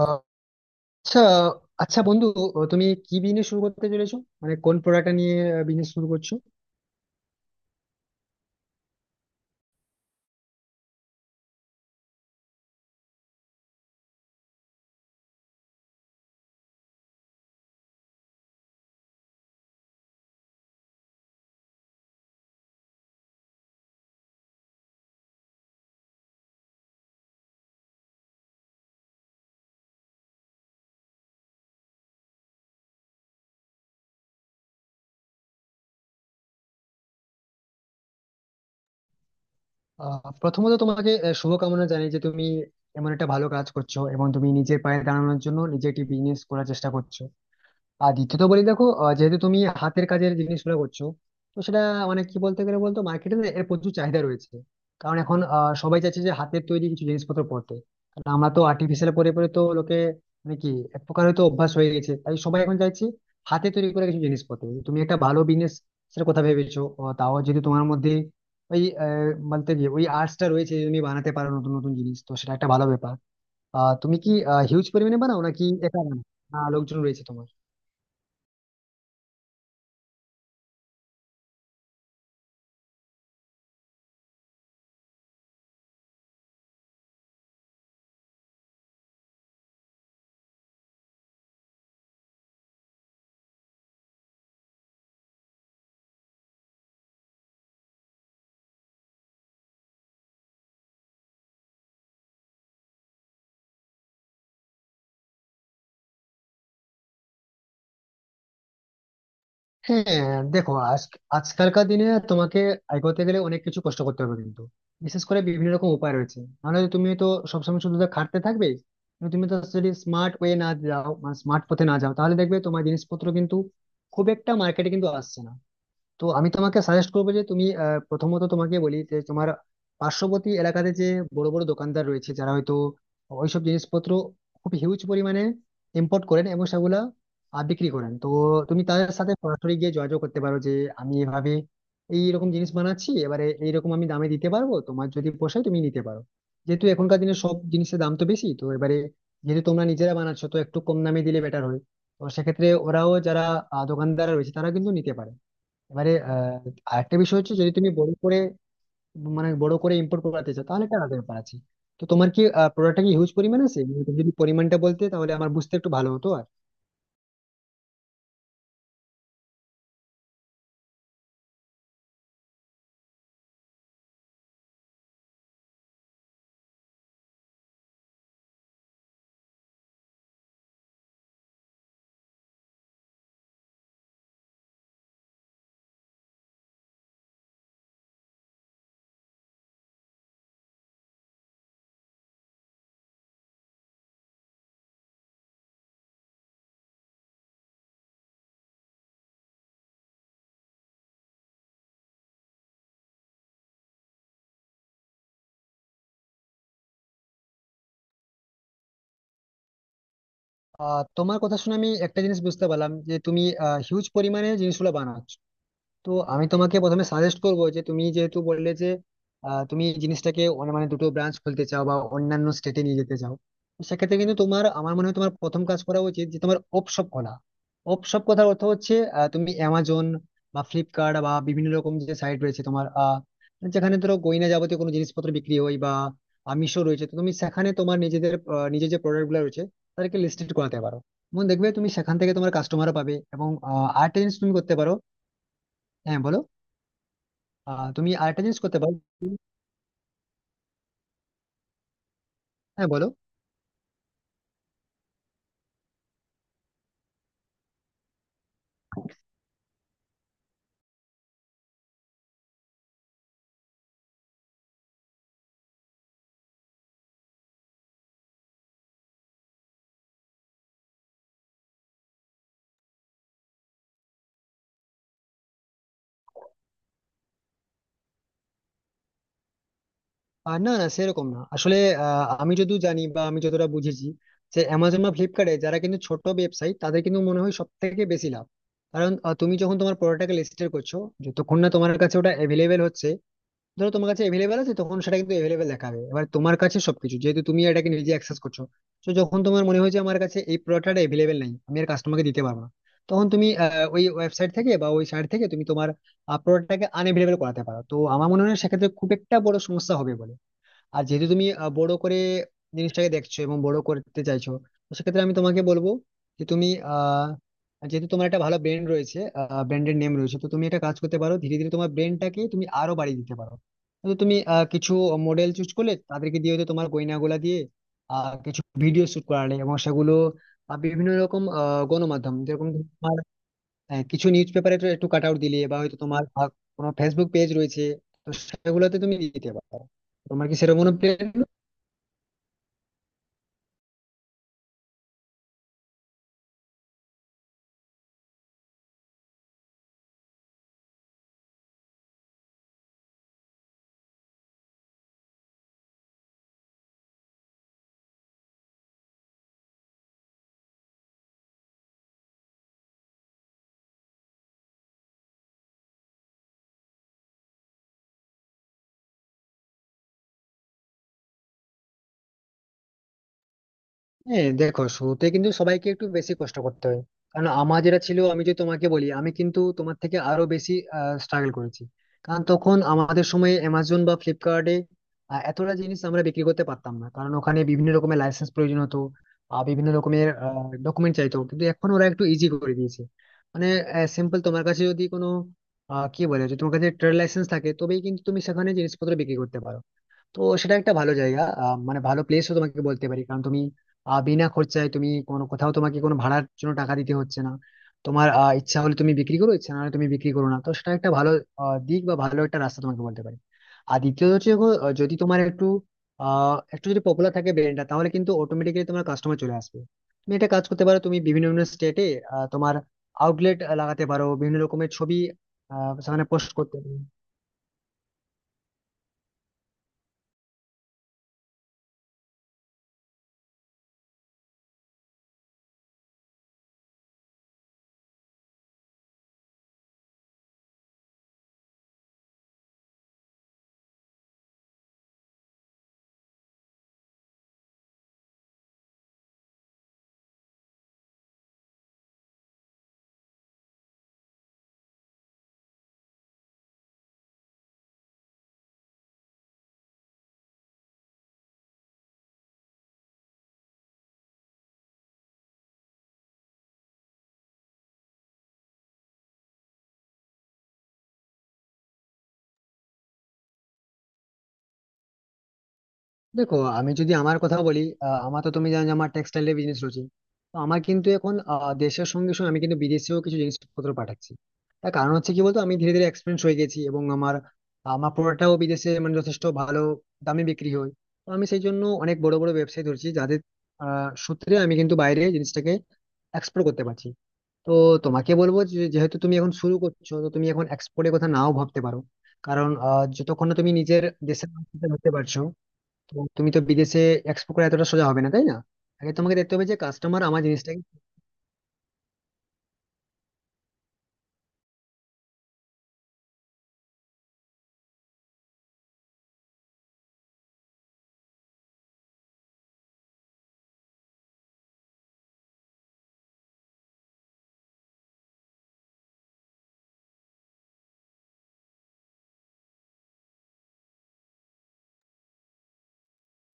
আহ, আচ্ছা আচ্ছা বন্ধু, তুমি কি বিজনেস শুরু করতে চলেছো? মানে কোন প্রোডাক্টটা নিয়ে বিজনেস শুরু করছো? প্রথমত তোমাকে শুভকামনা জানাই যে তুমি এমন একটা ভালো কাজ করছো, এবং তুমি নিজের পায়ে দাঁড়ানোর জন্য নিজে একটি বিজনেস করার চেষ্টা করছো। আর দ্বিতীয়ত বলি, দেখো, যেহেতু তুমি হাতের কাজের জিনিসগুলো করছো, তো সেটা মানে কি বলতে গেলে বলতো, মার্কেটে না এর প্রচুর চাহিদা রয়েছে। কারণ এখন সবাই চাইছে যে হাতের তৈরি কিছু জিনিসপত্র পরতে। কারণ আমরা তো আর্টিফিশিয়াল পরে পরে তো লোকে মানে কি এক প্রকার হয়তো অভ্যাস হয়ে গেছে, তাই সবাই এখন চাইছে হাতে তৈরি করে কিছু জিনিস পরতে। তুমি একটা ভালো বিজনেস সেটা কথা ভেবেছো, তাও যদি তোমার মধ্যে ওই বলতে গিয়ে ওই আর্টসটা রয়েছে যে তুমি বানাতে পারো নতুন নতুন জিনিস, তো সেটা একটা ভালো ব্যাপার। তুমি কি হিউজ পরিমাণে বানাও নাকি একা বানাও, না লোকজন রয়েছে তোমার? হ্যাঁ দেখো, আজকালকার দিনে তোমাকে আয় করতে গেলে অনেক কিছু কষ্ট করতে হবে, কিন্তু বিশেষ করে বিভিন্ন রকম উপায় রয়েছে, নাহলে তুমি তো সবসময় শুধু তো খাটতে থাকবে। কিন্তু তুমি তো যদি স্মার্ট ওয়ে না যাও, মানে স্মার্ট পথে না যাও, তাহলে দেখবে তোমার জিনিসপত্র কিন্তু খুব একটা মার্কেটে কিন্তু আসছে না। তো আমি তোমাকে সাজেস্ট করবো যে তুমি, প্রথমত তোমাকে বলি যে তোমার পার্শ্ববর্তী এলাকাতে যে বড় বড় দোকানদার রয়েছে যারা হয়তো ওইসব জিনিসপত্র খুব হিউজ পরিমাণে ইম্পোর্ট করেন এবং সেগুলা বিক্রি করেন। তো তুমি তাদের সাথে সরাসরি গিয়ে যোগাযোগ করতে পারো যে আমি এভাবে এইরকম জিনিস বানাচ্ছি, এবারে এইরকম আমি দামে দিতে পারবো, তোমার যদি পোষায় তুমি নিতে পারো। যেহেতু এখনকার দিনে সব জিনিসের দাম তো বেশি, তো এবারে যেহেতু তোমরা নিজেরা বানাচ্ছো, তো একটু কম দামে দিলে বেটার হয়। তো সেক্ষেত্রে ওরাও, যারা দোকানদার রয়েছে, তারা কিন্তু নিতে পারে। এবারে আরেকটা বিষয় হচ্ছে, যদি তুমি বড় করে মানে বড় করে ইম্পোর্ট করাতে চাও, তাহলে একটা আলাদা ব্যাপার আছে। তো তোমার কি প্রোডাক্টটা কি হিউজ পরিমাণ আছে? মানে তুমি যদি পরিমাণটা বলতে তাহলে আমার বুঝতে একটু ভালো হতো আর, তোমার কথা শুনে আমি একটা জিনিস বুঝতে পারলাম যে তুমি হিউজ পরিমাণে জিনিসগুলো বানাচ্ছ। তো আমি তোমাকে প্রথমে সাজেস্ট করবো যে তুমি যেহেতু বললে যে তুমি এই জিনিসটাকে মানে দুটো ব্রাঞ্চ খুলতে চাও বা অন্যান্য স্টেটে নিয়ে যেতে চাও। তো সেক্ষেত্রে কিন্তু তোমার, আমার মনে হয় তোমার প্রথম কাজ করা উচিত যে তোমার অপশপ খোলা। অপশপ কথার অর্থ হচ্ছে, তুমি অ্যামাজন বা ফ্লিপকার্ট বা বিভিন্ন রকম যে সাইট রয়েছে তোমার, যেখানে ধরো গয়না যাবতীয় কোনো জিনিসপত্র বিক্রি হয়, বা মিশো রয়েছে, তো তুমি সেখানে তোমার নিজের যে প্রোডাক্ট গুলো রয়েছে তাদেরকে লিস্টেড করাতে পারো। এবং দেখবে তুমি সেখান থেকে তোমার কাস্টমারও পাবে, এবং আরেকটা জিনিস তুমি করতে পারো। হ্যাঁ বলো। তুমি আরেকটা জিনিস করতে পারো। হ্যাঁ বলো। না না সেরকম না আসলে। আমি যদিও জানি, বা আমি যতটা বুঝেছি, যে অ্যামাজন বা ফ্লিপকার্টে যারা কিন্তু ছোট ব্যবসায়ী তাদের কিন্তু মনে হয় সব থেকে বেশি লাভ। কারণ তুমি যখন তোমার প্রোডাক্টটাকে লিস্টেড করছো, যতক্ষণ না তোমার কাছে ওটা অ্যাভেলেবেল হচ্ছে, ধরো তোমার কাছে অ্যাভেলেবেল আছে তখন সেটা কিন্তু অ্যাভেলেবেল দেখাবে, এবার তোমার কাছে সবকিছু যেহেতু তুমি এটাকে নিজে অ্যাক্সেস করছো। তো যখন তোমার মনে হয় যে আমার কাছে এই প্রোডাক্টটা অ্যাভেলেবেল নেই, আমি আর কাস্টমারকে দিতে পারবো না, তখন তুমি ওই ওয়েবসাইট থেকে বা ওই সাইট থেকে তুমি তোমার প্রোডাক্টটাকে আনঅ্যাভেলেবেল করাতে পারো। তো আমার মনে হয় সেক্ষেত্রে খুব একটা বড় সমস্যা হবে বলে। আর যেহেতু তুমি বড় করে জিনিসটাকে দেখছো এবং বড় করতে চাইছো, তো সেক্ষেত্রে আমি তোমাকে বলবো যে তুমি, যেহেতু তোমার একটা ভালো ব্র্যান্ড রয়েছে, ব্র্যান্ডের নেম রয়েছে, তো তুমি একটা কাজ করতে পারো, ধীরে ধীরে তোমার ব্র্যান্ডটাকে তুমি আরো বাড়িয়ে দিতে পারো। তো তুমি কিছু মডেল চুজ করলে, তাদেরকে দিয়ে হয়তো তোমার গয়নাগুলা দিয়ে কিছু ভিডিও শুট করালে, এবং সেগুলো বিভিন্ন রকম গণমাধ্যম, যেরকম, হ্যাঁ, কিছু নিউজ পেপারে একটু কাট আউট দিলে, বা হয়তো তোমার বা কোনো ফেসবুক পেজ রয়েছে তো সেগুলোতে তুমি দিতে পারো। তোমার কি সেরকম কোনো প্ল্যান? হ্যাঁ দেখো, শুরুতে কিন্তু সবাইকে একটু বেশি কষ্ট করতে হয়। কারণ আমার যেটা ছিল, আমি যদি তোমাকে বলি, আমি কিন্তু তোমার থেকে আরো বেশি স্ট্রাগল করেছি। কারণ তখন আমাদের সময় অ্যামাজন বা ফ্লিপকার্টে এতটা জিনিস আমরা বিক্রি করতে পারতাম না, কারণ ওখানে বিভিন্ন রকমের লাইসেন্স প্রয়োজন হতো আর বিভিন্ন রকমের ডকুমেন্ট চাইতো, কিন্তু এখন ওরা একটু ইজি করে দিয়েছে। মানে সিম্পল, তোমার কাছে যদি কোনো কি বলে, যদি তোমার কাছে ট্রেড লাইসেন্স থাকে তবেই কিন্তু তুমি সেখানে জিনিসপত্র বিক্রি করতে পারো। তো সেটা একটা ভালো জায়গা, মানে ভালো প্লেসও তোমাকে বলতে পারি, কারণ তুমি বিনা খরচায় তুমি কোনো, কোথাও তোমাকে কোনো ভাড়ার জন্য টাকা দিতে হচ্ছে না। তোমার ইচ্ছা হলে তুমি বিক্রি করো, ইচ্ছা না হলে তুমি বিক্রি করো না, তো সেটা একটা ভালো দিক বা ভালো একটা রাস্তা তোমাকে বলতে পারি। আর দ্বিতীয়ত হচ্ছে দেখো, যদি তোমার একটু একটু যদি পপুলার থাকে ব্র্যান্ডটা, তাহলে কিন্তু অটোমেটিক্যালি তোমার কাস্টমার চলে আসবে। তুমি একটা কাজ করতে পারো, তুমি বিভিন্ন বিভিন্ন স্টেটে তোমার আউটলেট লাগাতে পারো, বিভিন্ন রকমের ছবি সেখানে পোস্ট করতে পারো। দেখো, আমি যদি আমার কথা বলি, আমার তো তুমি জানো যে আমার টেক্সটাইলের বিজনেস রয়েছে। তো আমার কিন্তু এখন দেশের সঙ্গে সঙ্গে আমি কিন্তু বিদেশেও কিছু জিনিসপত্র পাঠাচ্ছি। তার কারণ হচ্ছে কি বলতো, আমি ধীরে ধীরে এক্সপিরিয়েন্স হয়ে গেছি, এবং আমার আমার প্রোডাক্টটাও বিদেশে মানে যথেষ্ট ভালো দামে বিক্রি হয়। তো আমি সেই জন্য অনেক বড় বড় ব্যবসায়ী ধরছি যাদের সূত্রে আমি কিন্তু বাইরে জিনিসটাকে এক্সপোর্ট করতে পারছি। তো তোমাকে বলবো যে, যেহেতু তুমি এখন শুরু করছো, তো তুমি এখন এক্সপোর্টের কথা নাও ভাবতে পারো। কারণ যতক্ষণ না তুমি নিজের দেশের মাটিতে ধরতে পারছো, তো তুমি তো বিদেশে এক্সপোর্ট করে এতটা সোজা হবে না, তাই না? আগে তোমাকে দেখতে হবে যে কাস্টমার আমার জিনিসটাকে,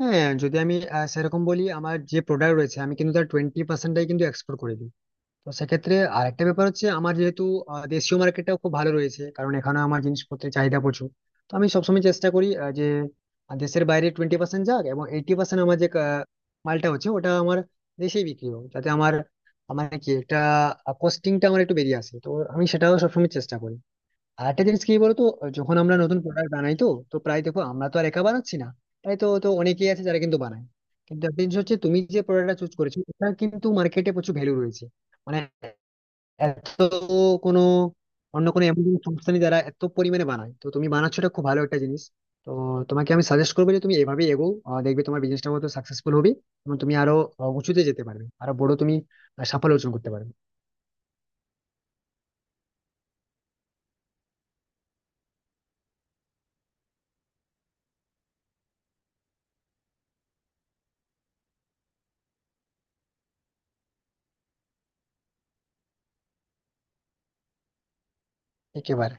হ্যাঁ যদি আমি সেরকম বলি, আমার যে প্রোডাক্ট রয়েছে আমি কিন্তু তার টোয়েন্টি পার্সেন্টটাই কিন্তু এক্সপোর্ট করে দিই। তো সেক্ষেত্রে আরেকটা ব্যাপার হচ্ছে, আমার যেহেতু দেশীয় মার্কেটটাও খুব ভালো রয়েছে, কারণ এখানে আমার জিনিসপত্রের চাহিদা প্রচুর। তো আমি সবসময় চেষ্টা করি যে দেশের বাইরে 20% যাক এবং 80% আমার যে মালটা হচ্ছে ওটা আমার দেশেই বিক্রি হোক, যাতে আমার, আমার কি একটা কস্টিংটা আমার একটু বেরিয়ে আসে, তো আমি সেটাও সবসময় চেষ্টা করি। আর একটা জিনিস কি বলতো, যখন আমরা নতুন প্রোডাক্ট বানাই, তো তো প্রায় দেখো আমরা তো আর একা বানাচ্ছি না, তাই তো তো অনেকেই আছে যারা কিন্তু বানায়। কিন্তু একটা জিনিস হচ্ছে, তুমি যে প্রোডাক্টটা চুজ করেছো, এটা কিন্তু মার্কেটে প্রচুর ভ্যালু রয়েছে। মানে এত কোনো অন্য কোনো এমন কোনো সংস্থা নেই যারা এত পরিমাণে বানায়, তো তুমি বানাচ্ছো, এটা খুব ভালো একটা জিনিস। তো তোমাকে আমি সাজেস্ট করবো যে তুমি এভাবেই এগো, দেখবে তোমার বিজনেসটা হয়তো সাকসেসফুল হবে, এবং তুমি আরো উঁচুতে যেতে পারবে, আরো বড় তুমি সাফল্য অর্জন করতে পারবে। একেবারে।